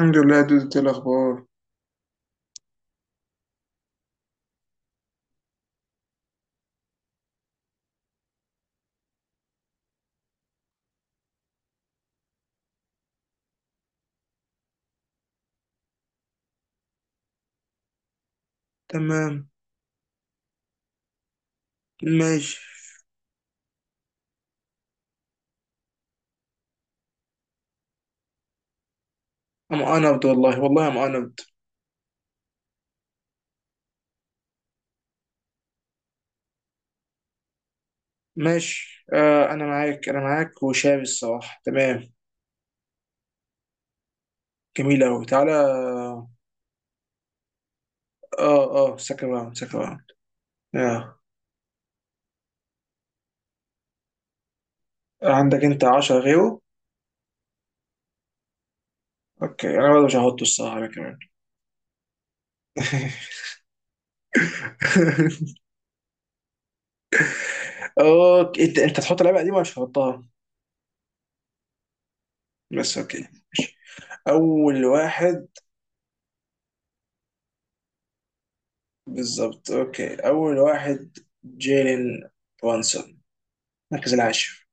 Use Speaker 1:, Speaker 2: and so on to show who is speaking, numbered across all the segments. Speaker 1: الحمد لله دود. إنت إيه الاخبار؟ تمام. ماشي. انبد والله، والله انبد. ماشي، آه، انا معاك، انا معاك وشاب الصراحه تمام. جميل قوي. تعالى اه اه سكند راوند سكند راوند. آه. عندك انت 10 غيره. اوكي انا برضه مش هحطه الصراحه انا كمان. اوكي انت انت تحط لعبه قديمه مش هحطها بس اوكي. اول واحد بالظبط. اوكي اول واحد جيلين برانسون المركز العاشر.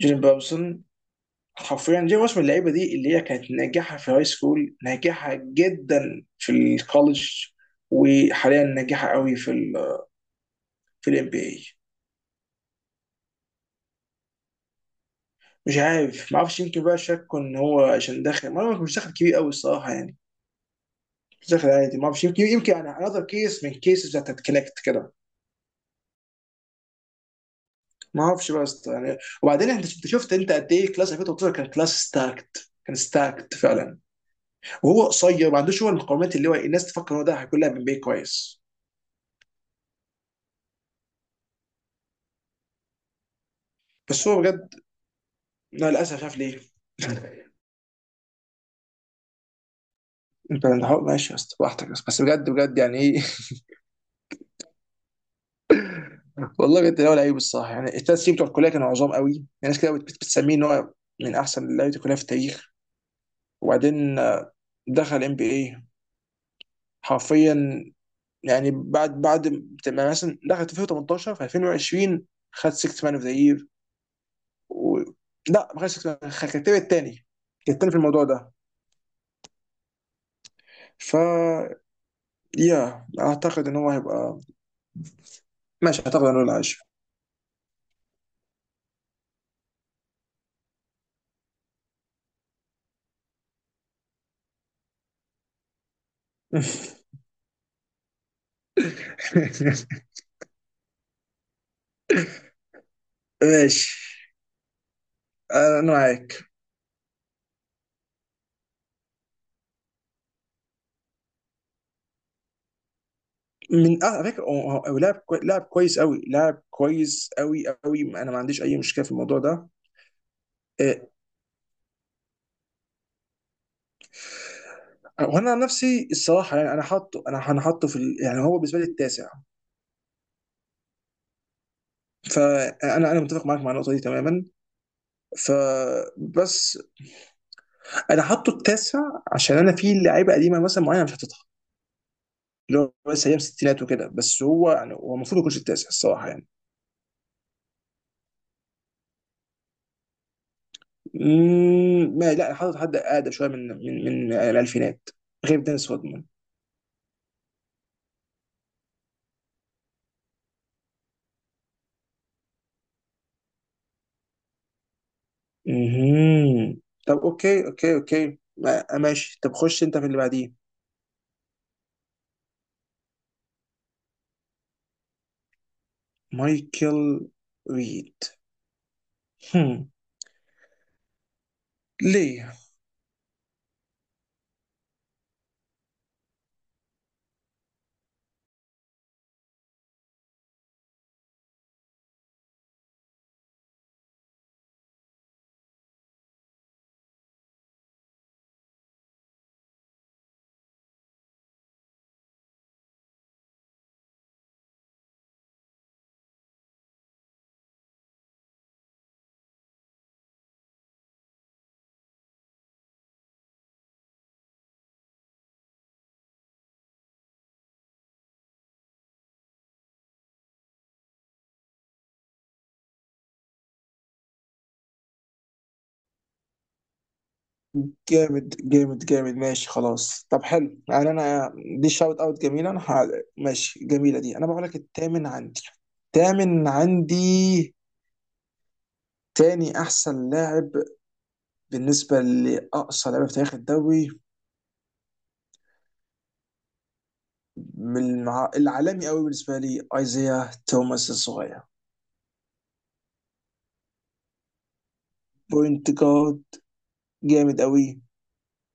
Speaker 1: جيلين برانسون حرفيا جاي موس من اللعيبه دي، اللي هي كانت ناجحه في هاي سكول، ناجحه جدا في الكولج، وحاليا ناجحه قوي في ال... في الام بي اي. مش عارف، ما اعرفش، يمكن بقى شكوا ان هو عشان داخل، ما أعرف، مش داخل كبير قوي الصراحه يعني. مش داخل عادي، ما اعرفش، يمكن يمكن انا انذر كيس من كيسز بتاعت كونكت كده. ما اعرفش بس يعني. وبعدين انت شفت انت قد ايه كلاس 2013 كان كلاس ستاكت، كان ستاكت فعلا. وهو قصير، ما عندوش هو المقومات اللي هو الناس تفكر ان هو ده هيكون لاعب ام بي اي كويس. بس هو بجد، لا للاسف مش عارف ليه. ماشي يا اسطى براحتك، بس بس بجد بجد يعني ايه. والله بجد هو لعيب الصراحه يعني. الثلاث سنين بتوع الكليه كانوا عظام قوي يعني. ناس كده بتسميه ان هو من احسن لعيبه الكليه في التاريخ. وبعدين دخل ام بي اي حرفيا. يعني بعد بعد ما مثلا دخل 2018، في 2020 خد 6 مان اوف ذا يير و... لا ما خدش 6 مان، كان الثاني، كان الثاني في الموضوع ده. ف يا اعتقد ان هو هيبقى... ماشي اعتقد انه العاشر. ماشي، انا معاك. من على فكره هو هو لاعب كويس قوي، لاعب كويس قوي قوي، انا ما عنديش اي مشكله في الموضوع ده. إيه، وانا عن نفسي الصراحه يعني انا حاطه، انا انا حاطه في ال... يعني هو بالنسبه لي التاسع. فانا انا متفق معاك مع النقطه دي تماما. فبس انا حاطه التاسع عشان انا في لعيبه قديمه مثلا معينه مش حاططها، اللي هو بس ايام الستينات وكده. بس هو يعني، هو المفروض ما يكونش التاسع الصراحه يعني. ما لا حاطط حد اقدم شويه من من الالفينات غير دينيس رودمان. مهم. طب اوكي اوكي اوكي ماشي. طب خش انت في اللي بعديه. مايكل ريد. هم. ليه؟ جامد جامد جامد. ماشي خلاص. طب حلو يعني انا دي شاوت اوت جميله. ماشي جميله دي. انا بقول لك التامن عندي، التامن عندي، تاني احسن لاعب بالنسبه لاقصى لعيبه في تاريخ الدوري. من العالمي قوي بالنسبه لي ايزيا توماس الصغير. بوينت جارد جامد قوي،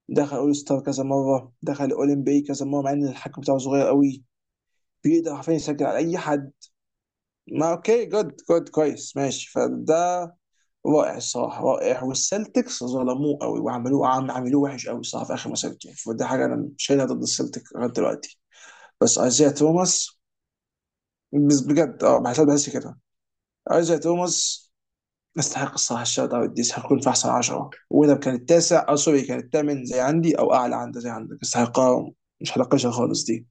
Speaker 1: دخل اول ستار كذا مره، دخل اولمبي كذا مره مع ان الحكم بتاعه صغير قوي. بيقدر حرفيا يسجل على اي حد. ما اوكي جود جود كويس ماشي. فده رائع الصراحه رائع. والسلتكس ظلموه قوي وعملوه عملوه وحش قوي الصراحه في اخر مسيرته يعني. فده حاجه انا مش شايلها ضد السلتك لغايه دلوقتي. بس ايزيا توماس، بس بجد اه بحس بحس كده ايزيا توماس يستحق الصراحه الشوت اوت دي. يستحقون في احسن 10، واذا كان التاسع او سوري كان الثامن زي عندي او اعلى عنده زي عندك، يستحقها. مش هناقشها خالص دي.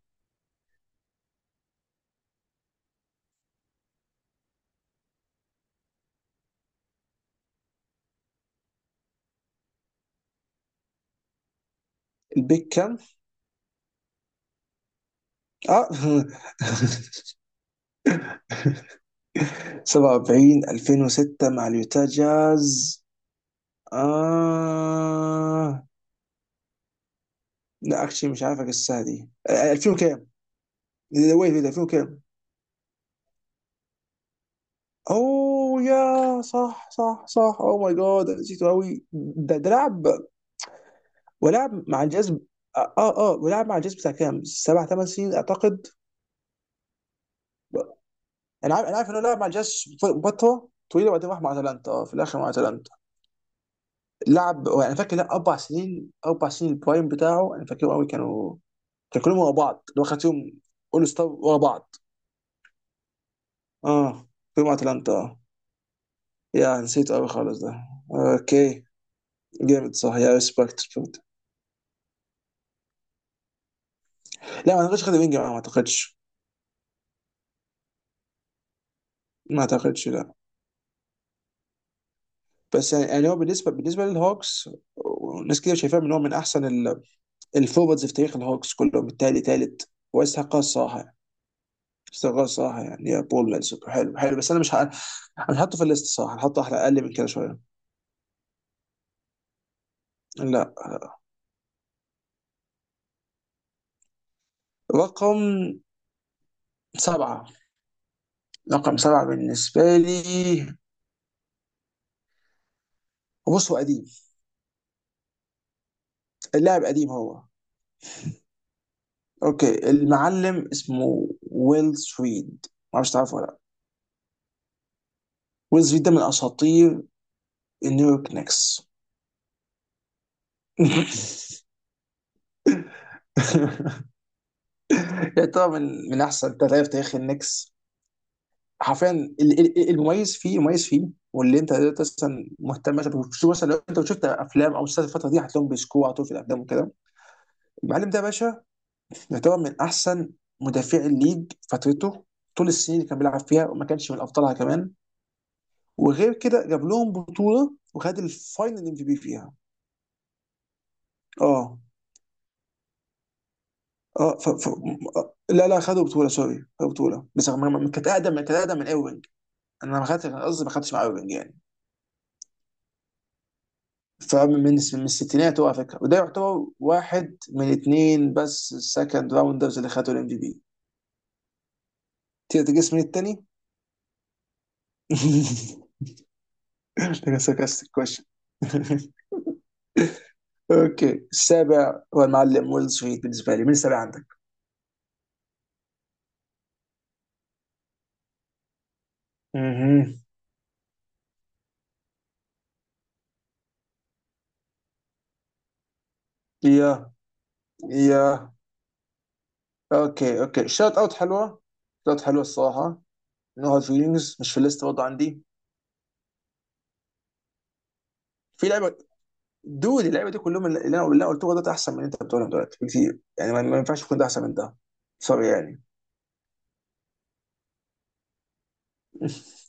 Speaker 1: البيك كام؟ اه 47 2006 مع اليوتا جاز. آه لا اكشلي مش عارف اجسها دي. آه، 2000 كام؟ ويت ويت 2000 كام؟ اوه يا صح صح صح. اوه ماي جاد نسيته قوي ده. ده لعب ولعب مع الجاز. اه اه آه، ولعب مع الجاز بتاع كام؟ سبع ثمان سنين اعتقد. انا عارف، انا عارف انه لعب مع الجاز فتره طويله وبعدين راح مع اتلانتا، اه في الاخر مع اتلانتا. لعب انا فاكر لا اربع سنين، اربع سنين البرايم بتاعه انا فاكرهم قوي. كانوا كانوا كلهم ورا بعض اللي هو خد فيهم اول ستار ورا بعض. اه كلهم مع اتلانتا اه. يا نسيت قوي خالص ده. اوكي جامد، صح يا ريسبكت. لا ما اعتقدش خد وينج معاه، ما اعتقدش. ما اعتقدش لا. بس يعني، يعني هو بالنسبه للهوكس، ناس كتير شايفاه ان هو من احسن الفورواردز في تاريخ الهوكس كلهم. التالي تالت ويستحقها الصراحه. يستحقها الصراحه يعني يا بول لانسر، حلو حلو. بس انا مش ه... انا هحطه في الليست الصراحه، هحطه احلى اقل من كده شويه. لا. رقم سبعه، رقم سبعه بالنسبه لي. بص هو قديم، اللاعب قديم هو. اوكي المعلم اسمه ويل سويد، ما اعرفش تعرفه ولا لا. ويل سويد ده من اساطير النيويورك نيكس. لا طبعا من من احسن تلاتة في تاريخ النكس حرفيا. المميز فيه مميز فيه. واللي انت دلوقتي اصلا مهتم مثلا بتشوف، مثلا لو انت شفت افلام او مسلسلات الفتره دي، هتلاقيهم بيسكوا على طول في الافلام وكده. المعلم ده يا باشا يعتبر من احسن مدافع الليج فترته، طول السنين اللي كان بيلعب فيها، وما كانش من ابطالها كمان. وغير كده جاب لهم بطوله وخد الفاينل ام في بي فيها. اه. اه ف... ف... لا لا خدوا بطوله. سوري خدوا بطوله، بس كانت اقدم، كانت اقدم من ايرفينج. انا ما خدتش، قصدي ما خدتش مع ايرفينج يعني. فمن من الستينات هو على فكره، وده يعتبر واحد من اثنين بس السكند راوندرز اللي خدوا الام في بي. تقدر تجس من الثاني؟ مش ساركاستيك كويشن. اوكي السابع هو المعلم ويل سويت بالنسبه لي. من السابع عندك؟ اها. يا يا، اوكي اوكي شوت اوت حلوه، شوت اوت حلوه الصراحه. نو هارد فيلينجز، مش في الليست برضه عندي. في لعبه دود اللعبه دي كلهم اللي انا اللي أنا قلته ده احسن من اللي انت بتقولهم دلوقتي بكتير يعني، ما ما ينفعش يكون ده احسن من ده، سوري يعني.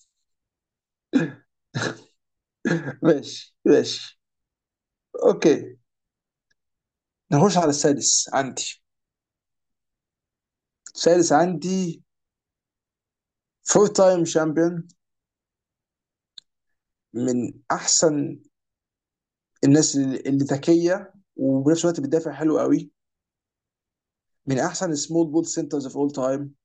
Speaker 1: ماشي ماشي. اوكي نخش على السادس عندي. السادس عندي فور تايم شامبيون. من احسن الناس اللي اللي ذكيه وبنفس الوقت بتدافع حلو قوي. من احسن سمول بول سنترز اوف اول تايم.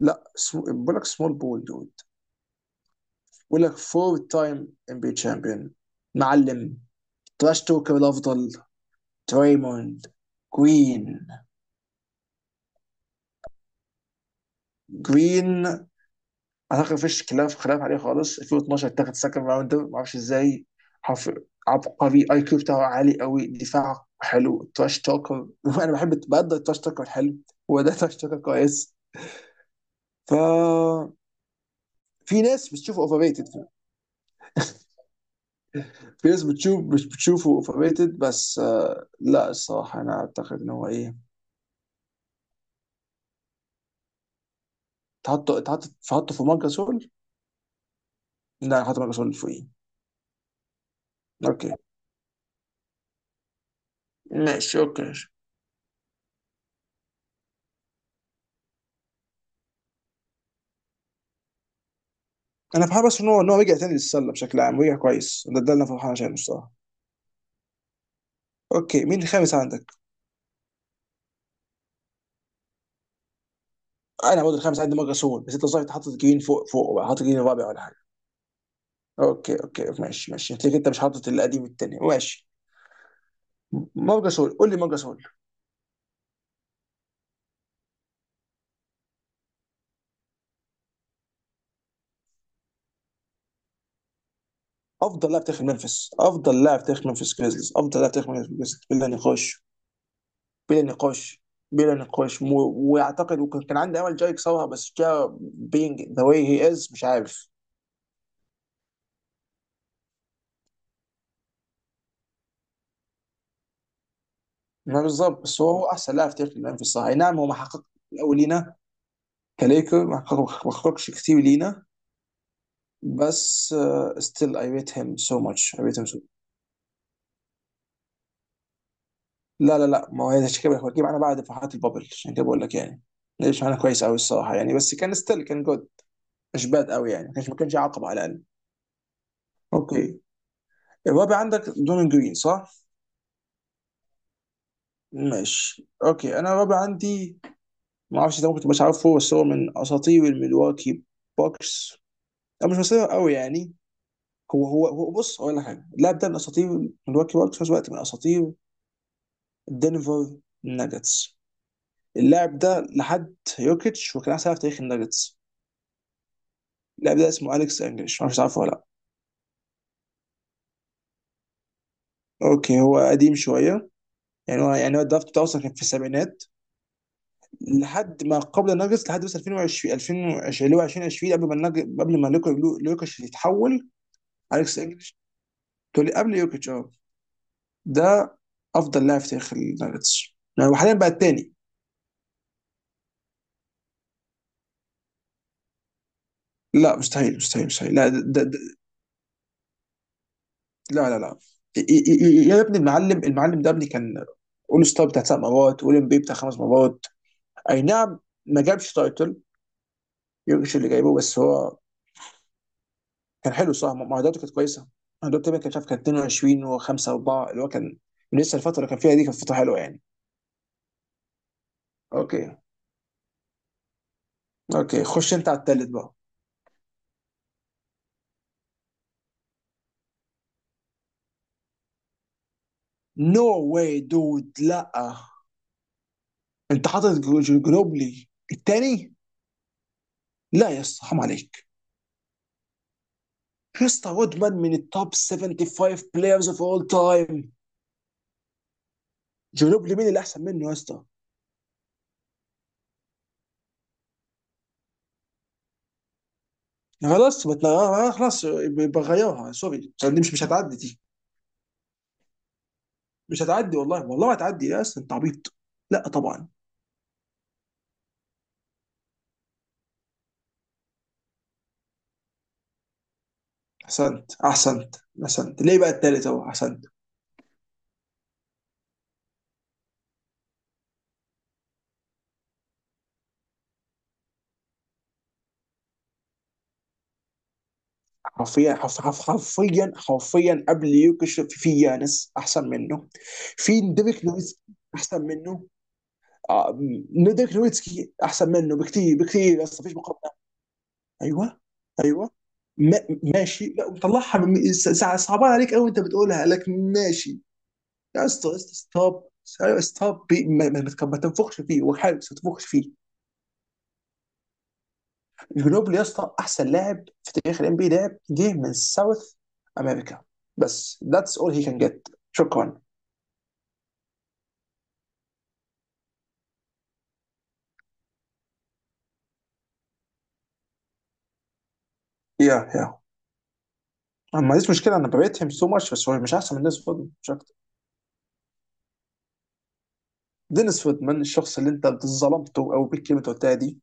Speaker 1: لا بقول لك سمول بول دود. بقول لك فور تايم ام بي شامبيون. معلم تراش توكر الافضل. تريموند جرين. جرين اعتقد مفيش خلاف، خلاف عليه خالص. 2012 اتاخد سكند راوند ما اعرفش ازاي. حرف عبقري، اي كيو بتاعه عالي قوي، دفاعه حلو، تراش توكر. انا بحب بقدر التراش توكر الحلو. هو ده تراش توكر كويس. ف في ناس بتشوفه اوفر ريتد. في ناس بتشوف مش بتشوفه اوفر ريتد. بس لا الصراحه انا اعتقد ان هو ايه. تحطه تحطه في ماركس سول. لا هحط ماركس سول فوقيه. اوكي ماشي اوكي. انا فرحان بس ان هو ان هو رجع تاني للسله بشكل عام، رجع كويس، ده ده اللي انا فرحان عشانه الصراحه. اوكي مين الخامس عندك؟ انا برضه الخامس عندي مجا سول. بس انت صحيح حاطط جرين فوق؟ فوق بقى حاطط جرين الرابع ولا حاجه؟ اوكي اوكي ماشي ماشي، هتلاقيك انت مش حاطط القديم التاني. ماشي. مارجا سول، قول لي مارجا سول. افضل لاعب تاريخ منفس، افضل لاعب تاريخ منفس جريزليز، افضل لاعب تاريخ منفس جريزليز بلا نقاش. بلا نقاش، بلا نقاش. و... واعتقد وكان، كان عندي امل جاي يكسرها، بس جا بينج ذا واي هي از مش عارف. ما بالظبط، بس هو احسن لاعب تاريخ منفس صح، أي نعم هو ما حقق. الاول لينا كليكر ما حققش كتير لينا، بس ستيل اي ريت هيم سو ماتش، اي ريت هيم سو. لا لا لا، ما هو عشان كده جه معانا بعد فرحات البابل، عشان كده بقول لك يعني. ليش معانا كويس قوي الصراحه يعني، بس كان ستيل كان جود. مش باد قوي يعني، ما كانش ما كانش عقبه على الاقل. اوكي الرابع عندك دون جرين صح؟ ماشي اوكي انا الرابع عندي ما اعرفش ده، ممكن تبقاش عارفه، بس هو من اساطير الملواكي بوكس. او مش اساطير قوي يعني. هو هو هو بص اقول لك حاجه، اللاعب ده من اساطير الملواكي بوكس، في نفس الوقت من اساطير دنفر ناجتس. اللاعب ده لحد يوكيتش وكان احسن لاعب في تاريخ الناجتس. اللاعب ده اسمه اليكس انجلش، ما اعرفش عارفه ولا لا. اوكي هو قديم شويه يعني. هو يعني هو الدرافت بتاعه أصلاً كان في السبعينات. لحد ما قبل الناجتس لحد بس 2020 2020، اللي هو 2020 قبل ما قبل ما لوكيتش يتحول. اليكس انجلش. تقول لي قبل يوكيتش اه. ده افضل لاعب في تاريخ الناجتس، يعني هو حاليا بقى الثاني. لا مستحيل مستحيل مستحيل لا. ده, لا لا لا. يا ابني المعلم ده ابني كان اول ستار بتاع سبع مرات، اول ام بي بتاع خمس مرات. اي نعم ما جابش تايتل، يورجش اللي جايبه، بس هو كان حلو صح، معداته كانت كويسه. معداته تقريبا كان شاف، كان 22 و5 4 اللي هو كان. لسه الفتره اللي كان فيها دي كانت فتره حلوه يعني. اوكي. اوكي خش انت على التالت بقى. نو واي دود، لا. انت حاطط جنوبلي التاني؟ لا يا اسطى حرام عليك. يا اسطى وودمان من التوب 75 بلايرز اوف اول تايم. جنوب مين اللي احسن منه يا اسطى؟ يعني خلاص ما تنا- خلاص. بغيرها سوري دي، مش مش هتعدي دي. مش هتعدي والله والله ما هتعدي يا اسطى، انت عبيط. لا طبعا. احسنت احسنت. احسنت ليه بقى التالت اهو؟ احسنت. حرفيا حرفيا حرفيا قبل يوكش في في يانس احسن منه. في ديريك نويتسكي احسن منه. آه، ديريك نويتسكي احسن منه بكتير بكتير يا اسطى، مفيش مقارنه. ايوه. ايوه. ما ماشي، لا وطلعها من ساعة صعبان عليك قوي انت بتقولها لكن ماشي. يا اسطى يا اسطى ستوب. ايوه ستوب ما تنفخش فيه وحارس ما تنفخش فيه. جنوبلي يا اسطى احسن لاعب في تاريخ الام بي لاعب جه من ساوث امريكا بس، ذاتس اول هي كان جيت، شكرا. يا يا، أنا ما عنديش مشكله، انا بريت هيم سو ماتش، بس هو مش احسن من دينيس فودمان، مش اكتر. دينيس فودمان الشخص اللي انت ظلمته او بالكلمه اللي أنت قلتها دي.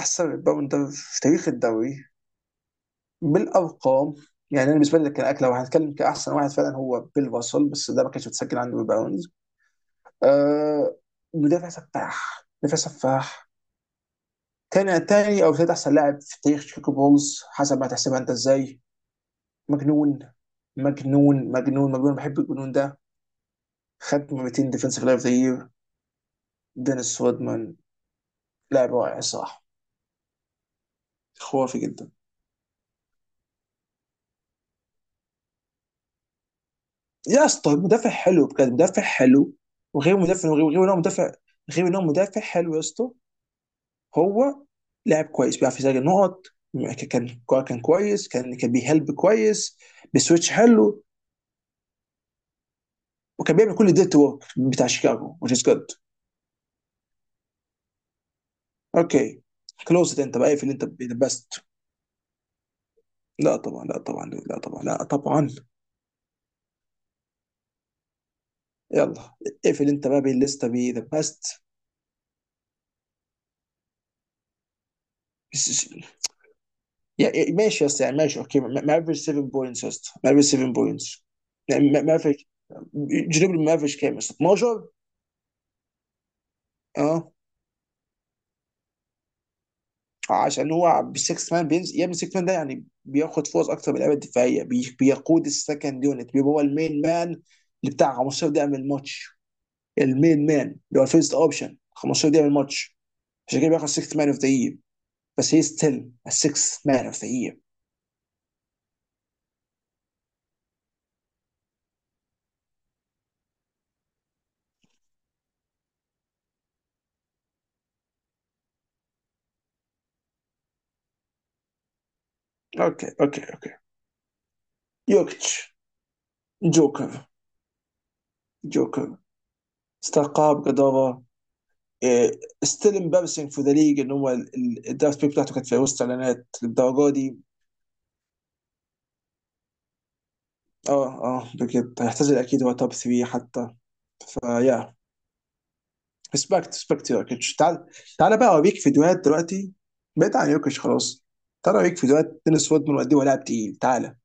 Speaker 1: احسن ريباوندر في تاريخ الدوري بالارقام. يعني انا بالنسبه لي ده كان اكله، لو هنتكلم كاحسن واحد فعلا هو بيل راسل، بس ده ما كانش متسجل عنده بالباونز. آه. مدافع سفاح، مدافع سفاح. كان تاني او ثالث احسن لاعب في تاريخ شيكاغو بولز حسب ما تحسبها انت ازاي. مجنون مجنون مجنون، بحب الجنون ده. خد 200 ديفنسيف لايف ذا يير، دينيس رودمان لاعب رائع الصراحه. خرافي جدا. يا اسطى مدافع حلو بجد، مدافع حلو. وغير مدافع، وغير غير انه مدافع، غير انه مدافع حلو يا اسطى، هو لاعب كويس بيعرف يسجل نقط. كان، كان كويس، كان كان بيهلب كويس، بسويتش حلو. وكان بيعمل كل الديرت ورك بتاع شيكاغو which is good. اوكي كلوز انت بقى، اقفل انت بيست. لا طبعا لا طبعا. يلا اقفل انت بقى بالليستا بي ذا بيست. يعني ماشي يا اسطى، يعني ماشي اوكي، مافريج 7 بوينتس يا اسطى، مافريج 7 بوينتس. يعني مافريج، جنوب المافريج كام يا اسطى، 12؟ اه عشان هو بالسكس مان بينزل يا ابني. السكس مان ده يعني بياخد فرص اكتر من اللعيبه الدفاعيه، بيقود السكند يونت، بيبقى هو المين مان اللي بتاع 15 دقيقه من الماتش، المين مان اللي هو الفيرست اوبشن 15 دقيقه من الماتش، عشان كده بياخد 6 مان اوف ذا يير. بس هي ستيل 6 مان اوف ذا يير. اوكي اوكي اوكي. يوكيتش. جوكر. جوكر. استقاب جدارة. ستيل امبارسنج في ذا ليج ان هو الدرافت بيك بتاعته كانت في وسط اعلانات للدرجه دي. اه اه بجد هيعتزل اكيد هو توب 3 حتى. فيا ريسبكت ريسبكت يوكيتش. تعال، تعال بقى اوريك فيديوهات دلوقتي. بعيد عن يوكيتش خلاص. تعال اوريك فيديوهات دينيس رودمان وقد ايه هو لاعب تقيل. تعال